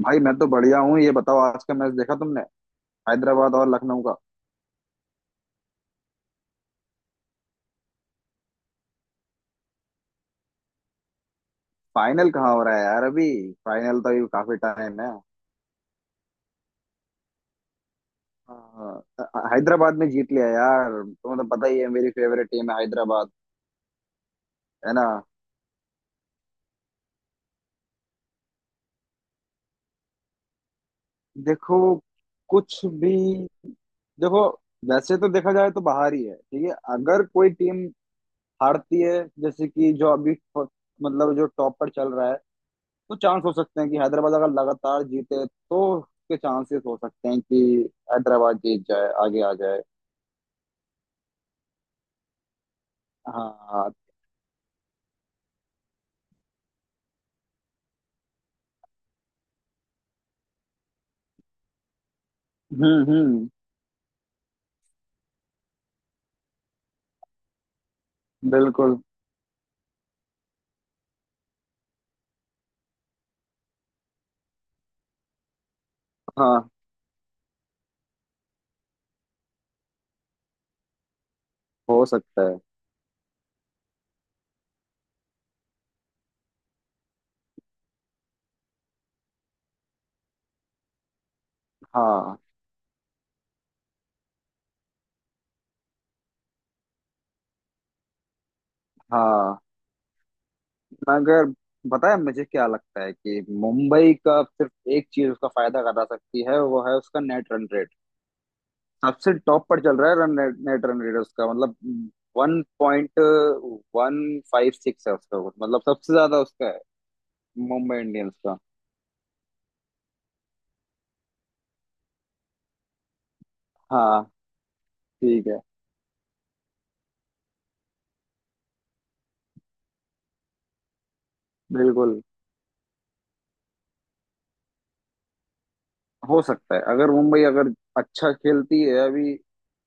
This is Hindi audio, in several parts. भाई मैं तो बढ़िया हूँ। ये बताओ आज का मैच देखा तुमने? हैदराबाद और लखनऊ का। फाइनल कहाँ हो रहा है यार अभी? फाइनल तो अभी काफी टाइम है। हाँ, हैदराबाद ने जीत लिया यार, तुम्हें तो पता ही है मेरी फेवरेट टीम है हैदराबाद। है ना। देखो कुछ भी। देखो वैसे तो देखा जाए तो बाहर ही है। ठीक है, अगर कोई टीम हारती है, जैसे कि मतलब जो टॉप पर चल रहा है, तो चांस हो सकते हैं कि हैदराबाद अगर लगातार जीते तो उसके चांसेस हो सकते हैं कि हैदराबाद जीत जाए, आगे आ जाए। हाँ। हम्म, हम्म। बिल्कुल। हाँ, हो सकता है। हाँ, हाँ, मगर पता है मुझे क्या लगता है कि मुंबई का सिर्फ एक चीज उसका फायदा करा सकती है, वो है उसका नेट रन रेट। सबसे टॉप पर चल रहा है नेट रन रेट उसका, मतलब 1.156 है उसका, मतलब सबसे ज्यादा उसका है। मुंबई इंडियंस का। हाँ। ठीक है। बिल्कुल। हो सकता है अगर मुंबई अगर अच्छा खेलती है अभी।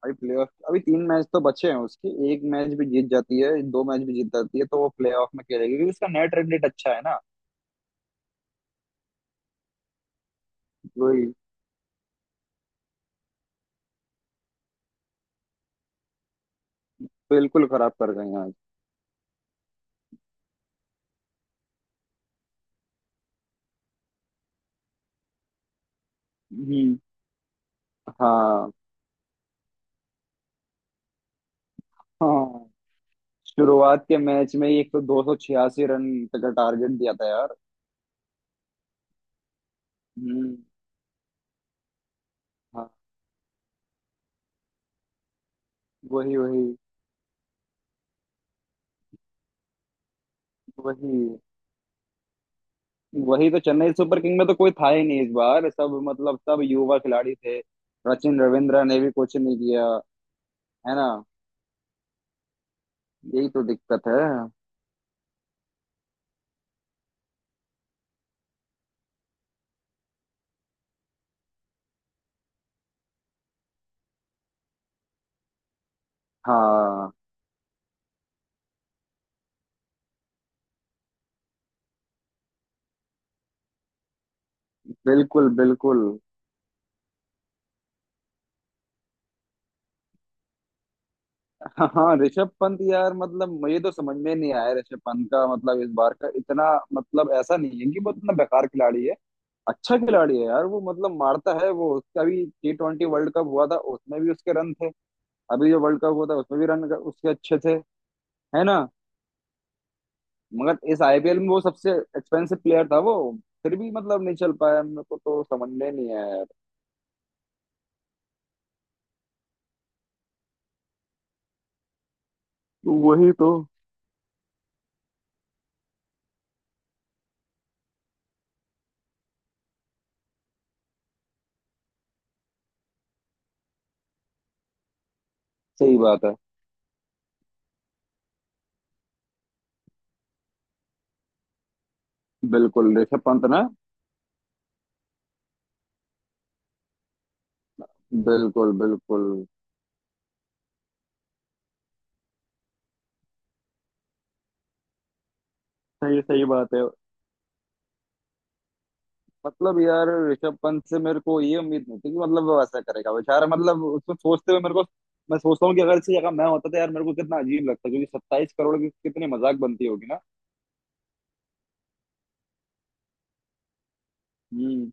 अभी प्लेऑफ, अभी 3 मैच तो बचे हैं उसके, एक मैच भी जीत जाती है 2 मैच भी जीत जाती है तो वो प्लेऑफ में खेलेगी क्योंकि उसका नेट रन रेट अच्छा है ना। वही। बिल्कुल खराब कर गए हैं आज। हम्म। हाँ, हाँ, शुरुआत के मैच में ही एक तो 286 रन का टारगेट दिया था यार। हम्म। हाँ। वही, वही। वही। वही तो चेन्नई सुपर किंग में तो कोई था ही नहीं इस बार, सब मतलब सब युवा खिलाड़ी थे, सचिन रविंद्र ने भी कुछ नहीं किया। है ना। यही तो दिक्कत है। हाँ। बिल्कुल, बिल्कुल। हाँ, हाँ, ऋषभ पंत यार, मतलब मुझे तो समझ में नहीं आया ऋषभ पंत का, मतलब इस बार का इतना, मतलब ऐसा नहीं है कि वो इतना बेकार खिलाड़ी है। अच्छा खिलाड़ी है यार वो, मतलब मारता है वो, उसका भी T20 वर्ल्ड कप हुआ था उसमें भी उसके रन थे। अभी जो वर्ल्ड कप हुआ था उसमें भी रन उसके अच्छे थे। है ना। मगर इस आईपीएल में वो सबसे एक्सपेंसिव प्लेयर था वो, फिर भी मतलब नहीं चल पाया, मेरे को तो समझ में नहीं आया यार। वही तो। सही बात है। बिल्कुल ऋषभ पंत ना। बिल्कुल, बिल्कुल। सही, सही बात है। मतलब यार ऋषभ पंत से मेरे को ये उम्मीद नहीं थी कि मतलब वो ऐसा करेगा बेचारा, मतलब उसको सोचते हुए मेरे को, मैं सोचता हूँ कि अगर इसकी जगह मैं होता तो यार मेरे को कितना अजीब लगता, क्योंकि 27 करोड़ की कितनी मजाक बनती होगी ना। हम्म।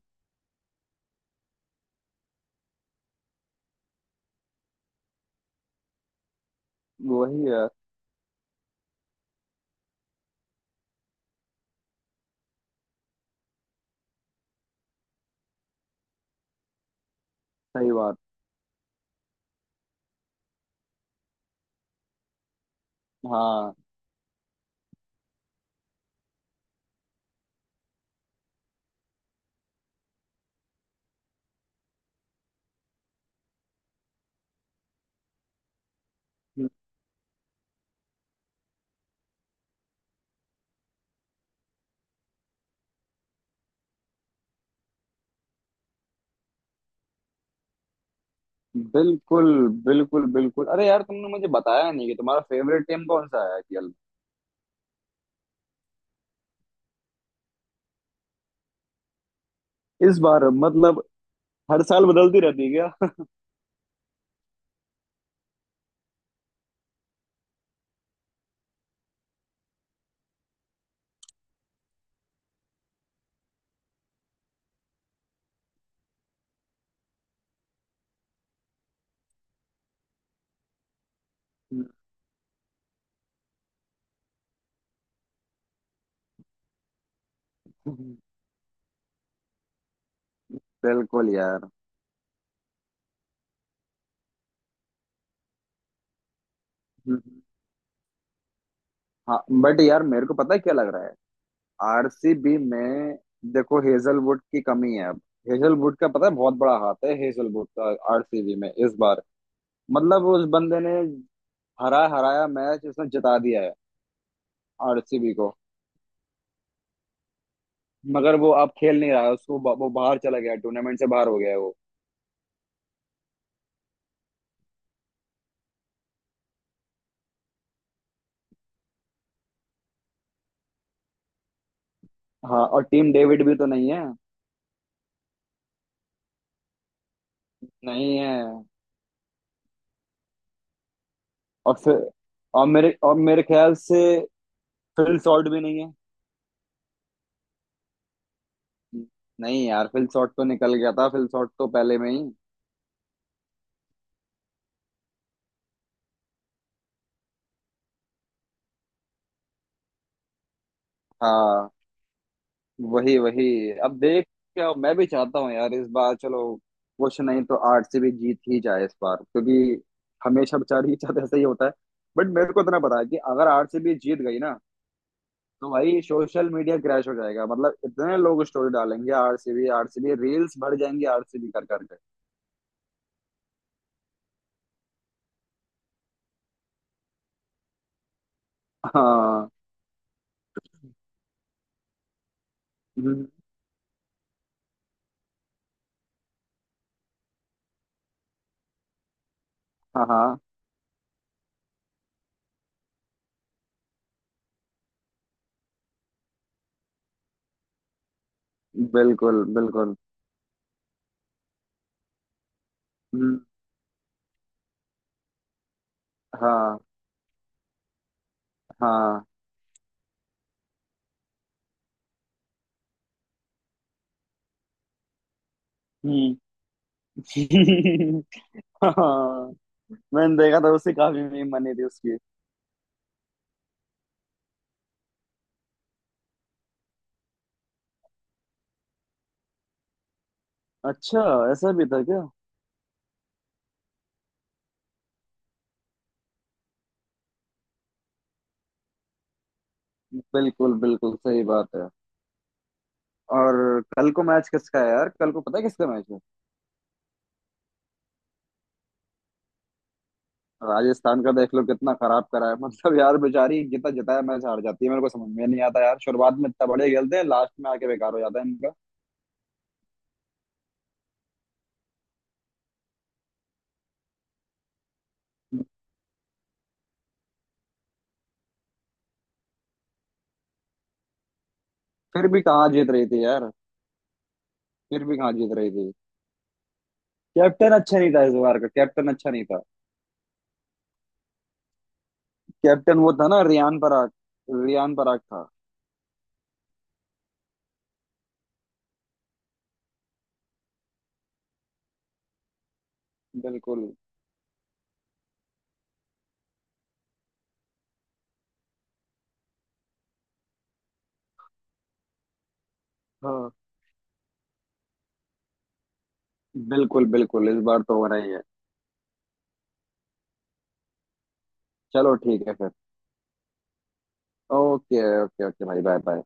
वही यार। सही बात। हाँ। बिल्कुल, बिल्कुल। बिल्कुल, अरे यार तुमने मुझे बताया नहीं कि तुम्हारा फेवरेट टीम कौन सा है आईपीएल में इस बार? मतलब हर साल बदलती रहती है क्या? बिल्कुल यार। हाँ, बट यार मेरे को पता है क्या लग रहा है आरसीबी में। देखो हेजलवुड की कमी है अब। हेजलवुड का पता है, बहुत बड़ा हाथ है हेजलवुड का आरसीबी में इस बार। मतलब उस बंदे ने हरा हराया मैच उसने जिता दिया है आरसीबी को। मगर वो अब खेल नहीं रहा है, वो बाहर चला गया, टूर्नामेंट से बाहर हो गया है। हाँ और टीम डेविड भी तो नहीं है। नहीं है। और फिर और मेरे ख्याल से फिल शॉर्ट भी नहीं है। नहीं यार फिल शॉर्ट तो निकल गया था, फिल शॉर्ट तो पहले में ही। हाँ वही, वही। अब देख, क्या मैं भी चाहता हूँ यार इस बार, चलो कुछ नहीं तो आरसीबी जीत ही जाए इस बार क्योंकि हमेशा बेचारी के साथ ऐसा ही होता है। बट मेरे को इतना पता है कि अगर आरसीबी जीत गई ना तो भाई सोशल मीडिया क्रैश हो जाएगा, मतलब इतने लोग स्टोरी डालेंगे आरसीबी आरसीबी, रील्स भर जाएंगी आरसीबी कर करके। हाँ। हम्म, हाँ, हाँ। बिल्कुल, बिल्कुल। हम्म, हाँ, हाँ। हम्म। हाँ। मैंने देखा था, उससे काफी मीम बनी थी उसकी। अच्छा, ऐसा भी था क्या? बिल्कुल, बिल्कुल सही बात है। और कल को मैच किसका है यार? कल को पता है किसका मैच है? राजस्थान का देख लो कितना खराब करा है, मतलब यार बेचारी जितना जिताया मैच हार जाती है, मेरे को समझ में नहीं आता यार, शुरुआत में इतना बढ़िया खेलते हैं लास्ट में आके बेकार हो जाता है इनका। फिर भी कहाँ जीत रही थी यार। फिर भी कहाँ जीत रही थी। कैप्टन अच्छा नहीं था इस बार का, कैप्टन अच्छा नहीं था। कैप्टन वो था ना रियान पराग। रियान पराग था। बिल्कुल। हाँ बिल्कुल, बिल्कुल इस बार तो हो रही है। चलो ठीक है फिर। ओके ओके ओके भाई बाय बाय।